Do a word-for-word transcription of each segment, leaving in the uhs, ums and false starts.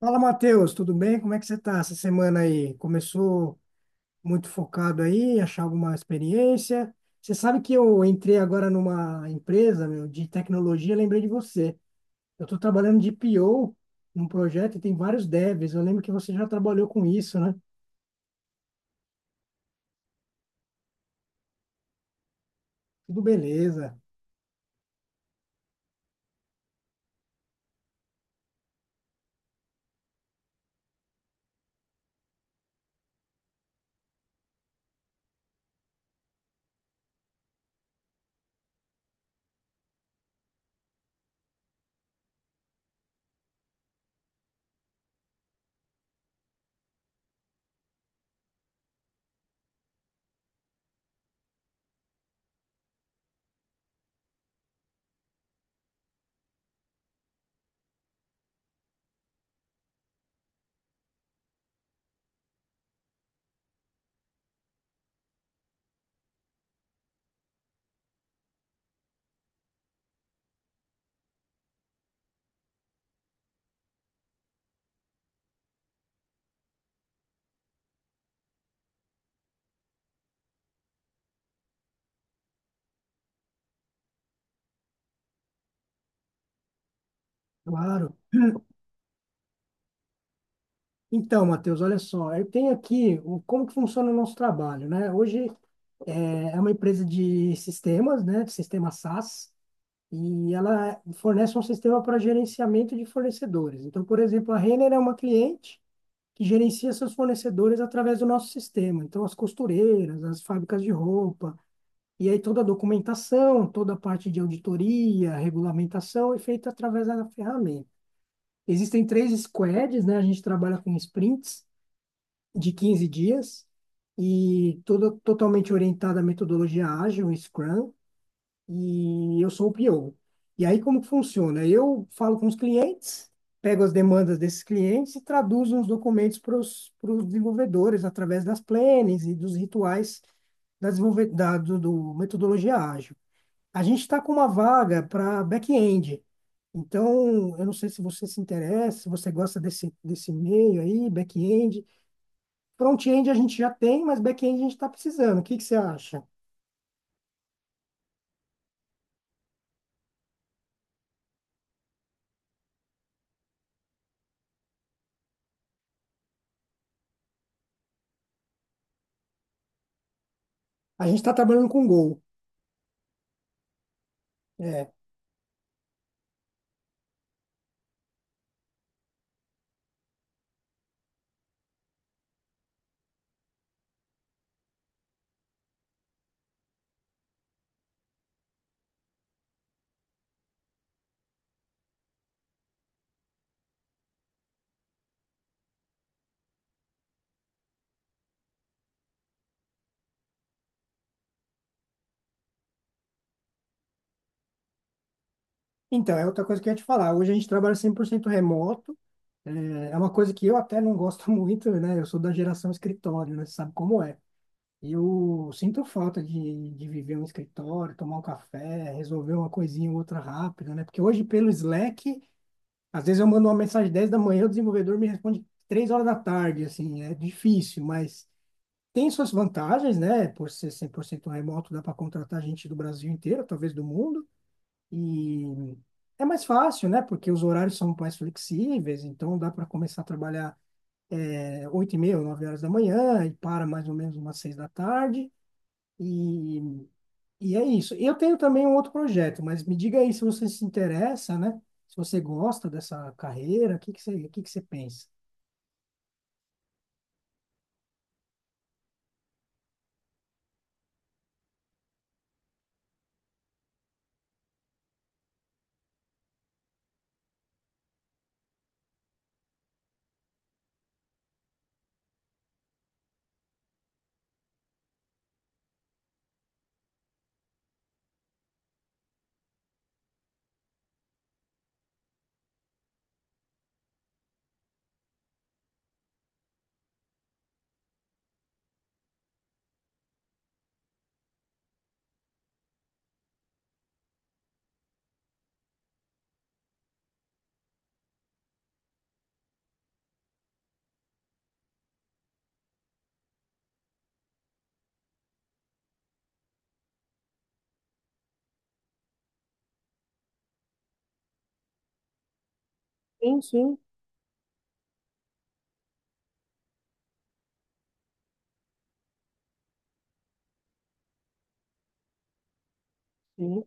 Fala, Matheus, tudo bem? Como é que você está essa semana aí? Começou muito focado aí, achar alguma experiência? Você sabe que eu entrei agora numa empresa, meu, de tecnologia, lembrei de você. Eu estou trabalhando de P O num projeto e tem vários devs. Eu lembro que você já trabalhou com isso, né? Tudo beleza, claro. Então, Matheus, olha só, eu tenho aqui o, como que funciona o nosso trabalho, né? Hoje é, é uma empresa de sistemas, né? De Sistema SaaS. E ela fornece um sistema para gerenciamento de fornecedores. Então, por exemplo, a Renner é uma cliente que gerencia seus fornecedores através do nosso sistema. Então, as costureiras, as fábricas de roupa, e aí toda a documentação, toda a parte de auditoria, regulamentação é feita através da ferramenta. Existem três squads, né? A gente trabalha com sprints de quinze dias e toda totalmente orientada à metodologia ágil, Scrum, e eu sou o P O. E aí, como que funciona? Eu falo com os clientes, pego as demandas desses clientes e traduzo os documentos para os desenvolvedores através das plannings e dos rituais da, desenvolve- da do, do metodologia ágil. A gente está com uma vaga para back-end. Então, eu não sei se você se interessa, se você gosta desse, desse meio aí, back-end. Front-end a gente já tem, mas back-end a gente está precisando. O que que você acha? A gente está trabalhando com Go. É, Então, é outra coisa que eu ia te falar. Hoje a gente trabalha cem por cento remoto. É é uma coisa que eu até não gosto muito, né? Eu sou da geração escritório, né? Você sabe como é. E eu sinto falta de, de viver um escritório, tomar um café, resolver uma coisinha ou outra rápida, né? Porque hoje, pelo Slack, às vezes eu mando uma mensagem dez da manhã, o desenvolvedor me responde três horas da tarde, assim. É difícil, mas tem suas vantagens, né? Por ser cem por cento remoto, dá para contratar gente do Brasil inteiro, talvez do mundo. E é mais fácil, né? Porque os horários são mais flexíveis, então dá para começar a trabalhar é, oito e meia, nove horas da manhã e para mais ou menos umas seis da tarde. E, e é isso. Eu tenho também um outro projeto, mas me diga aí se você se interessa, né? Se você gosta dessa carreira, o que que você, o que que você pensa? Sim, sim, sim.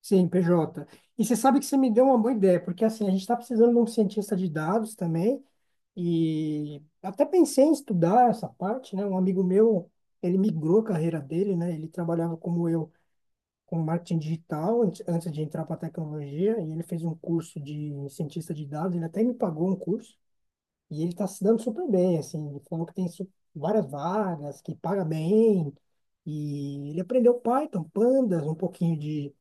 Sim, P J. E você sabe que você me deu uma boa ideia, porque assim, a gente está precisando de um cientista de dados também. E até pensei em estudar essa parte, né? Um amigo meu, ele migrou a carreira dele, né? Ele trabalhava como eu, com marketing digital antes, antes de entrar para tecnologia, e ele fez um curso de cientista de dados, ele até me pagou um curso, e ele está se dando super bem, assim, ele falou que tem su- várias vagas, que paga bem, e ele aprendeu Python, Pandas, um pouquinho de,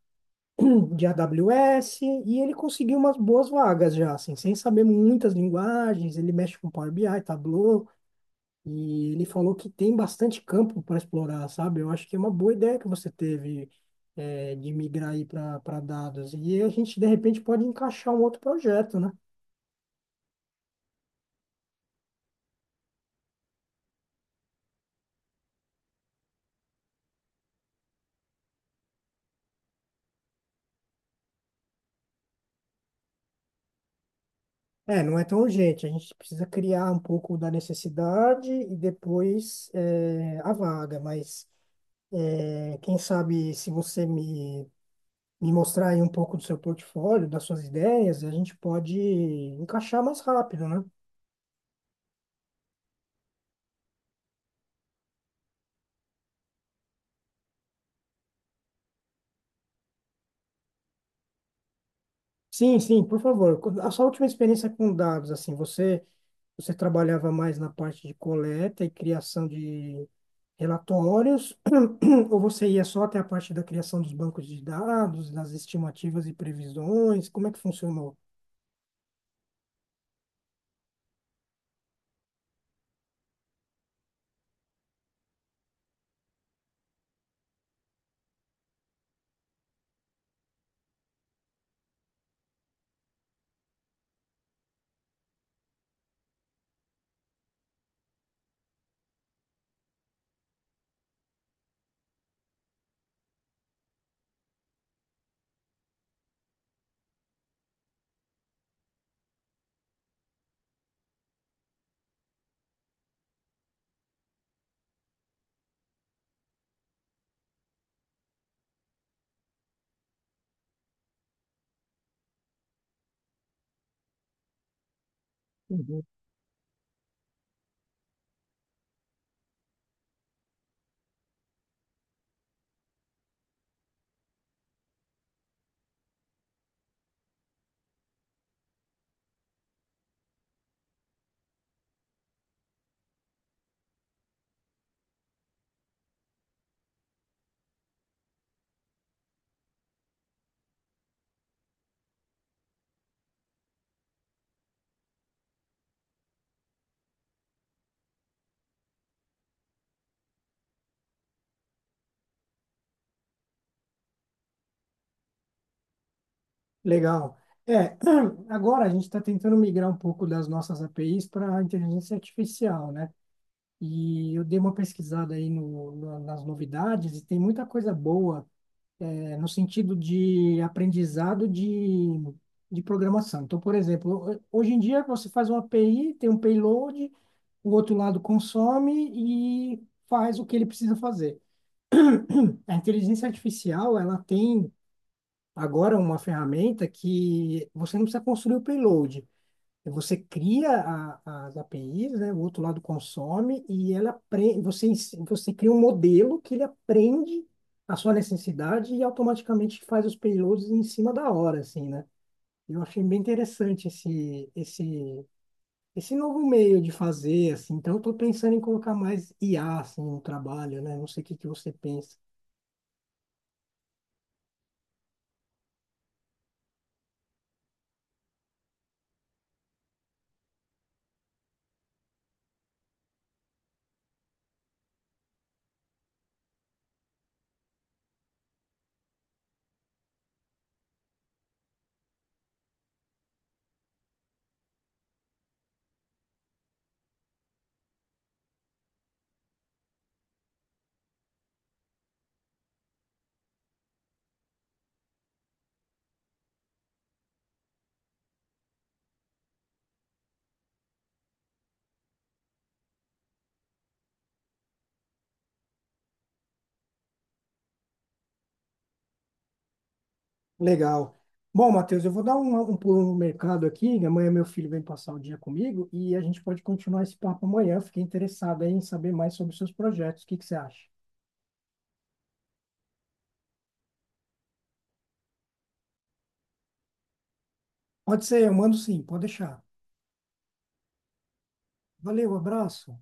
de A W S, e ele conseguiu umas boas vagas já, assim, sem saber muitas linguagens, ele mexe com Power B I, Tableau, e ele falou que tem bastante campo para explorar, sabe? Eu acho que é uma boa ideia que você teve é, de migrar aí para dados. E a gente, de repente, pode encaixar um outro projeto, né? É, não é tão urgente. A gente precisa criar um pouco da necessidade e depois é, a vaga. Mas é, quem sabe se você me, me mostrar aí um pouco do seu portfólio, das suas ideias, a gente pode encaixar mais rápido, né? Sim, sim, por favor. A sua última experiência com dados, assim, você. Você trabalhava mais na parte de coleta e criação de relatórios, ou você ia só até a parte da criação dos bancos de dados, das estimativas e previsões? Como é que funcionou? Uhum. Legal. É, agora a gente está tentando migrar um pouco das nossas A P Is para a inteligência artificial, né? E eu dei uma pesquisada aí no, na- nas novidades e tem muita coisa boa é, no sentido de aprendizado de, de programação. Então, por exemplo, hoje em dia você faz uma A P I, tem um payload, o outro lado consome e faz o que ele precisa fazer. A inteligência artificial, ela tem agora uma ferramenta que você não precisa construir o payload. É, Você cria a- as A P Is, né? O outro lado consome e ela apre- você, ens- você cria um modelo que ele aprende a sua necessidade e automaticamente faz os payloads em cima da hora, assim, né? Eu achei bem interessante esse, esse, esse novo meio de fazer, assim. Então, eu estou pensando em colocar mais I A, assim, no trabalho, né? Não sei o que que você pensa. Legal. Bom, Matheus, eu vou dar um, um pulo no mercado aqui. Amanhã meu filho vem passar o dia comigo e a gente pode continuar esse papo amanhã. Eu fiquei interessado aí em saber mais sobre os seus projetos. O que que você acha? Pode ser, eu mando sim, pode deixar. Valeu, abraço.